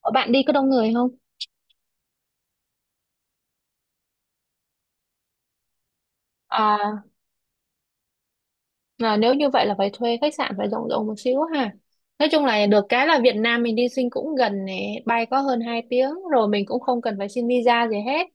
Ờ, Bạn đi có đông người không? À, là nếu như vậy là phải thuê khách sạn phải rộng rộng một xíu ha. Nói chung là được cái là Việt Nam mình đi sinh cũng gần này, bay có hơn 2 tiếng rồi mình cũng không cần phải xin visa gì hết.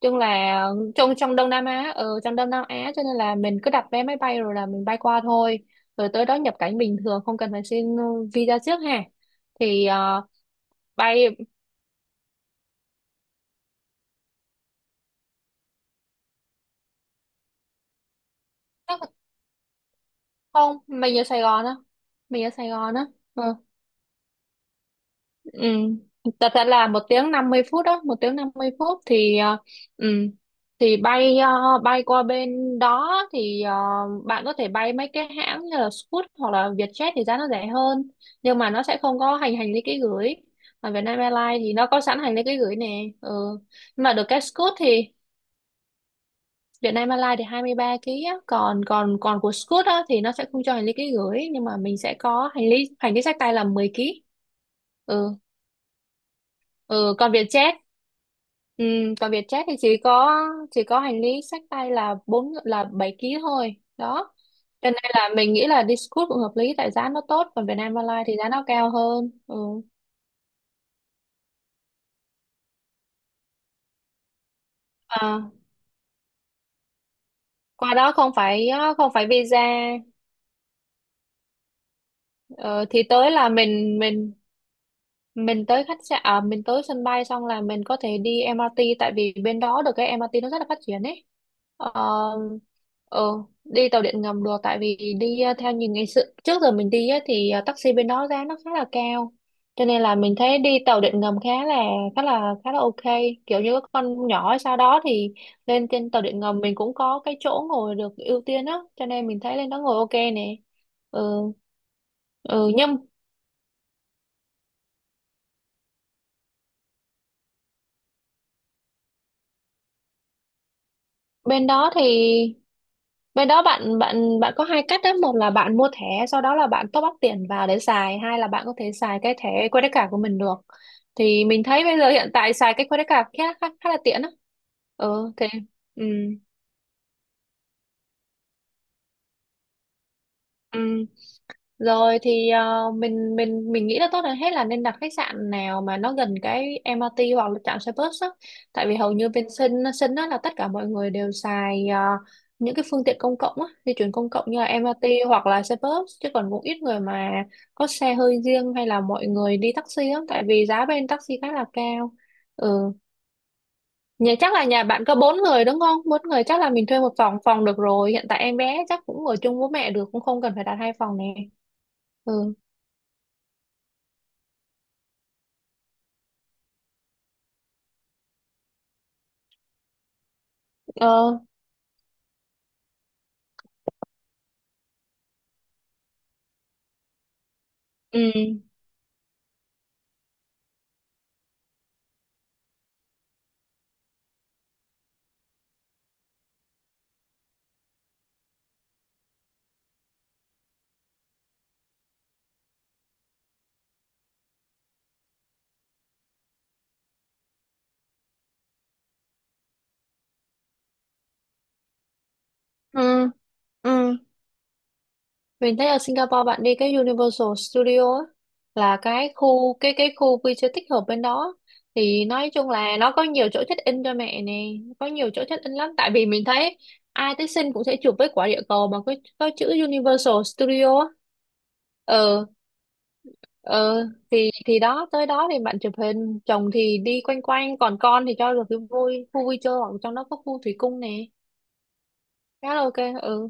Chung là trong trong Đông Nam Á, ở trong Đông Nam Á cho nên là mình cứ đặt vé máy bay rồi là mình bay qua thôi. Rồi tới đó nhập cảnh bình thường không cần phải xin visa trước ha. Thì ờ, bay chắc là- không, mình ở Sài Gòn á, mình ở Sài Gòn á. Ừ. Ừ. Thật ra là 1 tiếng 50 phút đó, 1 tiếng 50 phút thì ừ, thì bay qua bên đó thì bạn có thể bay mấy cái hãng như là Scoot hoặc là Vietjet thì giá nó rẻ hơn, nhưng mà nó sẽ không có hành hành lý ký gửi. Còn Vietnam Airlines thì nó có sẵn hành lý ký gửi nè. Ừ. Nhưng mà được cái Scoot thì Vietnam Airlines thì 23 kg á, còn còn còn của Scoot á thì nó sẽ không cho hành lý ký gửi, nhưng mà mình sẽ có hành lý xách tay là 10 ký. Ừ. ừ Còn Vietjet. ừ, Còn Vietjet thì chỉ có hành lý xách tay là bốn là 7 ký thôi đó, cho nên là mình nghĩ là đi Scoot cũng hợp lý tại giá nó tốt, còn Vietnam Airlines thì giá nó cao hơn. Ừ. à, Qua đó không phải, visa. Ờ, thì tới là mình tới khách sạn à, Mình tới sân bay xong là mình có thể đi MRT, tại vì bên đó được cái MRT nó rất là phát triển ấy. ờ, ờ, Đi tàu điện ngầm được, tại vì đi theo như ngày xưa trước giờ mình đi á, thì taxi bên đó giá nó khá là cao, cho nên là mình thấy đi tàu điện ngầm khá là ok, kiểu như các con nhỏ sau đó thì lên trên tàu điện ngầm mình cũng có cái chỗ ngồi được ưu tiên á, cho nên mình thấy lên đó ngồi ok nè. Ừ, ừ nhưng bên đó thì Bên đó bạn bạn bạn có hai cách đó: một là bạn mua thẻ sau đó là bạn top up tiền vào để xài, hai là bạn có thể xài cái thẻ credit card của mình được. Thì mình thấy bây giờ hiện tại xài cái credit card khá khá, khá là tiện đó. Ừ. Ừ, ừ. Rồi thì mình nghĩ là tốt hơn hết là nên đặt khách sạn nào mà nó gần cái MRT hoặc là trạm xe bus á. Tại vì hầu như bên Sân Sân á là tất cả mọi người đều xài những cái phương tiện công cộng á, di chuyển công cộng như là MRT hoặc là xe bus, chứ còn cũng ít người mà có xe hơi riêng hay là mọi người đi taxi á, tại vì giá bên taxi khá là cao. Ừ, chắc là nhà bạn có bốn người đúng không? Bốn người chắc là mình thuê một phòng phòng được rồi. Hiện tại em bé chắc cũng ở chung với mẹ được, cũng không cần phải đặt hai phòng nè. Ừ. Ờ. Ừ, ừ, ừ. Mình thấy ở Singapore bạn đi cái Universal Studio á, là cái khu vui chơi tích hợp bên đó, thì nói chung là nó có nhiều chỗ check in cho mẹ nè, có nhiều chỗ check in lắm, tại vì mình thấy ai tới sinh cũng sẽ chụp với quả địa cầu mà có chữ Universal Studio á. Ờ, ờ thì đó, tới đó thì bạn chụp hình, chồng thì đi quanh quanh, còn con thì cho được cái vui khu vui chơi, hoặc trong đó có khu thủy cung nè. Khá là ok. Ừ.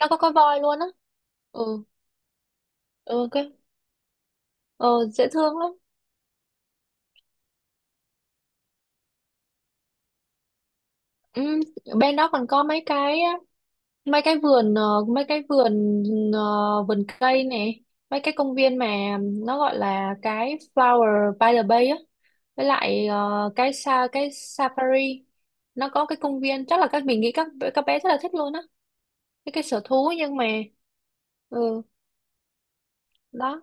Nó có voi luôn á. ừ ừ cái ờ, Dễ thương lắm. ừ, Bên đó còn có mấy cái vườn, vườn cây này, mấy cái công viên mà nó gọi là cái Flower by the Bay á, với lại cái Safari. Nó có cái công viên, chắc là mình nghĩ các bé rất là thích luôn á, cái sở thú nhưng mà. Ừ đó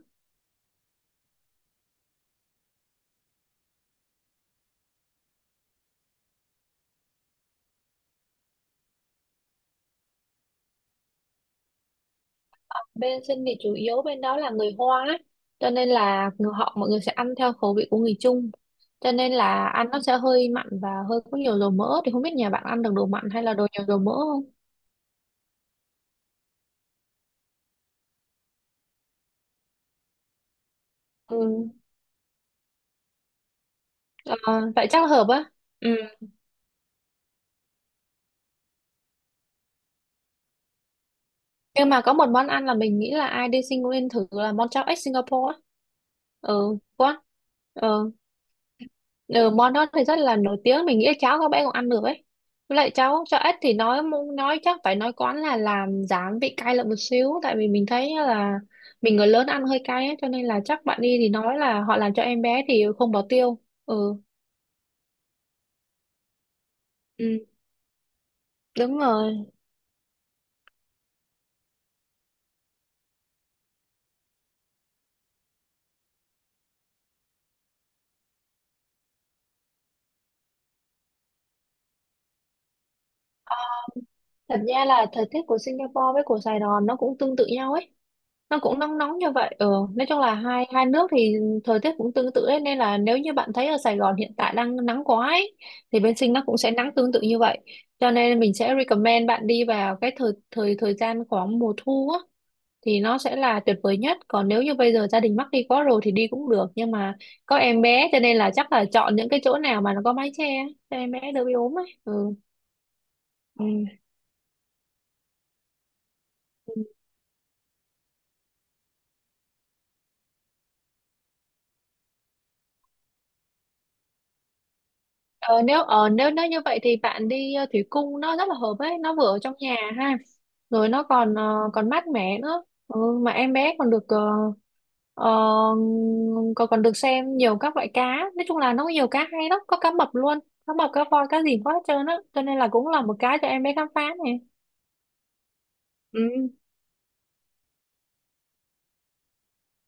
Bên sinh thì chủ yếu bên đó là người Hoa ấy, cho nên là họ, mọi người sẽ ăn theo khẩu vị của người Trung, cho nên là ăn nó sẽ hơi mặn và hơi có nhiều dầu mỡ. Thì không biết nhà bạn ăn được đồ mặn hay là đồ nhiều dầu mỡ không. ừ. Ờ, Vậy chắc là hợp á. Ừ. Nhưng mà có một món ăn là mình nghĩ là ai đi sinh cũng nên thử, là món cháo ếch Singapore á. ừ quá Ờ, Ừ, món đó thì rất là nổi tiếng, mình nghĩ cháu các bé cũng ăn được ấy. Với lại cháu cho ếch thì nói, chắc phải nói quán là làm giảm vị cay lại một xíu, tại vì mình thấy là mình người lớn ăn hơi cay ấy, cho nên là chắc bạn đi thì nói là họ làm cho em bé thì không bỏ tiêu. ừ ừ Đúng rồi. Thật ra là thời tiết của Singapore với của Sài Gòn nó cũng tương tự nhau ấy, nó cũng nóng nóng như vậy. Ừ. Nói chung là hai hai nước thì thời tiết cũng tương tự ấy, nên là nếu như bạn thấy ở Sài Gòn hiện tại đang nắng quá ấy, thì bên Sinh nó cũng sẽ nắng tương tự như vậy, cho nên mình sẽ recommend bạn đi vào cái thời thời thời gian khoảng mùa thu á thì nó sẽ là tuyệt vời nhất. Còn nếu như bây giờ gia đình mắc đi quá rồi thì đi cũng được, nhưng mà có em bé cho nên là chắc là chọn những cái chỗ nào mà nó có mái che cho em bé đỡ bị ốm ấy. Ừ. Ừ. Ờ, nếu nếu như vậy thì bạn đi thủy cung, nó rất là hợp ấy, nó vừa ở trong nhà ha, rồi nó còn còn mát mẻ nữa. Ừ, mà em bé còn được ờ, ờ, còn còn được xem nhiều các loại cá. Nói chung là nó có nhiều cá hay lắm, có cá mập luôn, cá mập, cá voi, cá gì có hết trơn á, cho nên là cũng là một cái cho em bé khám phá này. Ừ.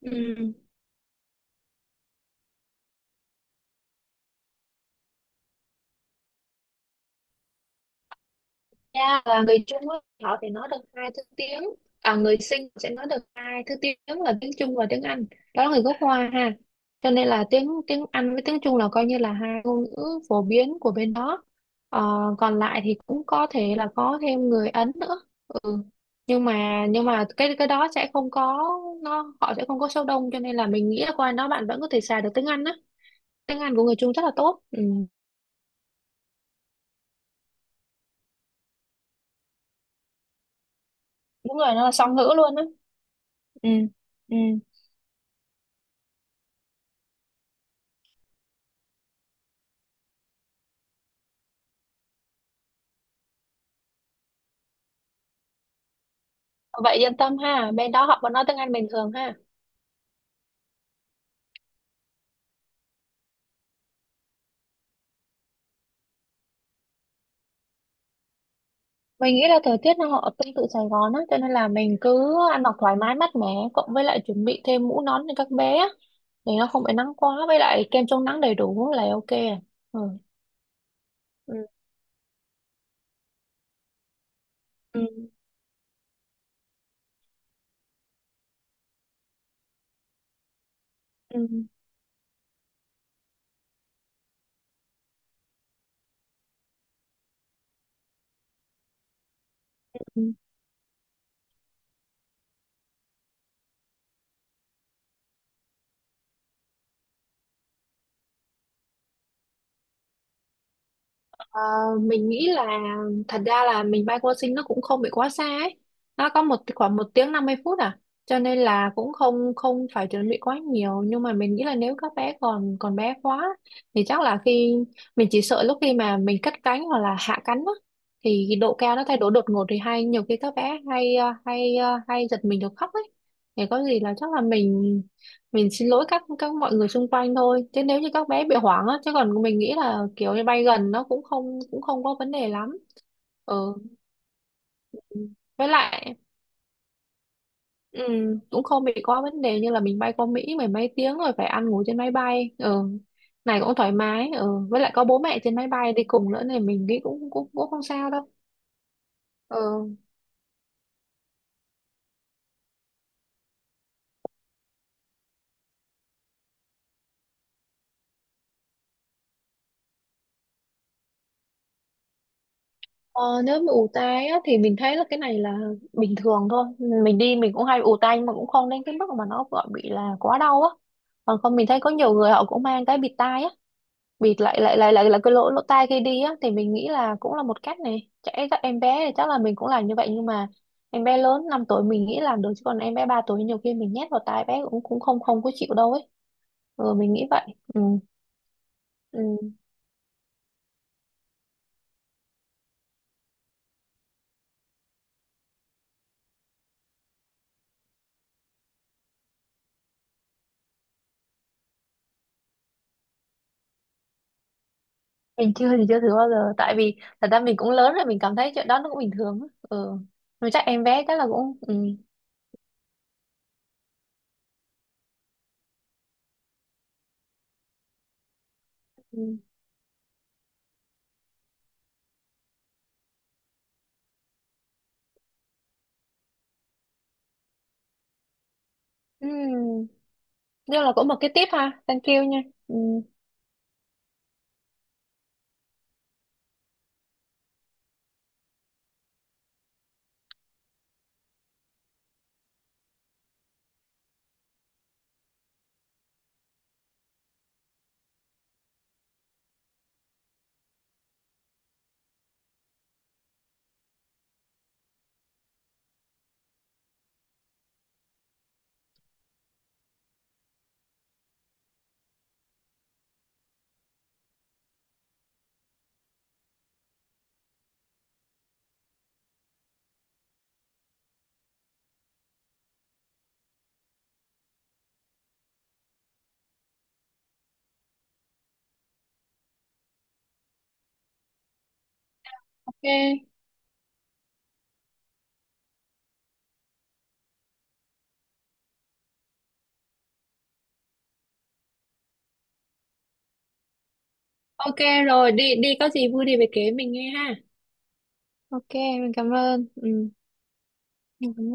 Ừ. Dạ, và người Trung á, họ thì nói được hai thứ tiếng. Người Sinh sẽ nói được hai thứ tiếng là tiếng Trung và tiếng Anh, đó là người gốc Hoa ha, cho nên là tiếng tiếng Anh với tiếng Trung là coi như là hai ngôn ngữ phổ biến của bên đó. Ờ, Còn lại thì cũng có thể là có thêm người Ấn nữa. ừ. Nhưng mà cái đó sẽ không có, họ sẽ không có số đông, cho nên là mình nghĩ là qua đó bạn vẫn có thể xài được tiếng Anh á. Tiếng Anh của người Trung rất là tốt. Ừ. Đúng rồi, nó là song ngữ luôn á. ừ. Ừ. Vậy yên tâm ha, bên đó họ vẫn nói tiếng Anh bình thường ha. Mình nghĩ là thời tiết nó họ tương tự Sài Gòn á, cho nên là mình cứ ăn mặc thoải mái mát mẻ, cộng với lại chuẩn bị thêm mũ nón cho các bé á, để nó không bị nắng quá, với lại kem chống nắng đầy đủ là ok. Ừ. Ừ. Ừ. Ừ. Ờ, mình nghĩ là thật ra là mình bay qua Sing nó cũng không bị quá xa ấy. Nó có một khoảng 1 tiếng 50 phút à. Cho nên là cũng không không phải chuẩn bị quá nhiều, nhưng mà mình nghĩ là nếu các bé còn còn bé quá thì chắc là mình chỉ sợ lúc khi mà mình cất cánh hoặc là hạ cánh á, thì cái độ cao nó thay đổi đột ngột, thì hay nhiều khi các bé hay giật mình được khóc ấy. Thì có gì là chắc là mình xin lỗi các mọi người xung quanh thôi, chứ nếu như các bé bị hoảng á, chứ còn mình nghĩ là kiểu như bay gần nó cũng không có vấn đề lắm. ừ với lại ừ, cũng không bị có vấn đề như là mình bay qua Mỹ mười mấy tiếng rồi phải ăn ngủ trên máy bay. Ừ Này cũng thoải mái. Ừ với lại có bố mẹ trên máy bay đi cùng nữa nên mình nghĩ cũng cũng cũng không sao đâu. ừ Ờ, Nếu bị ù tai á, thì mình thấy là cái này là bình thường thôi. Mình đi mình cũng hay bị ù tai, nhưng mà cũng không đến cái mức mà nó gọi bị là quá đau á. Còn không, mình thấy có nhiều người họ cũng mang cái bịt tai á, bịt lại lại lại lại là cái lỗ lỗ tai khi đi á, thì mình nghĩ là cũng là một cách. Này chạy các em bé thì chắc là mình cũng làm như vậy, nhưng mà em bé lớn 5 tuổi mình nghĩ làm được, chứ còn em bé 3 tuổi nhiều khi mình nhét vào tai bé cũng cũng không không có chịu đâu ấy. Mình nghĩ vậy. ừ. Ừ. Mình chưa thử bao giờ, tại vì thật ra mình cũng lớn rồi, mình cảm thấy chuyện đó nó cũng bình thường á. Ừ Mà chắc em bé chắc là cũng. Ừ ừ ừ nhưng là cũng một cái tip ha, thank you nha. ừ ok. Ok. Rồi, đi đi có gì vui thì về kể mình nghe ha. Ok, mình cảm ơn. Ừ mình cảm ơn.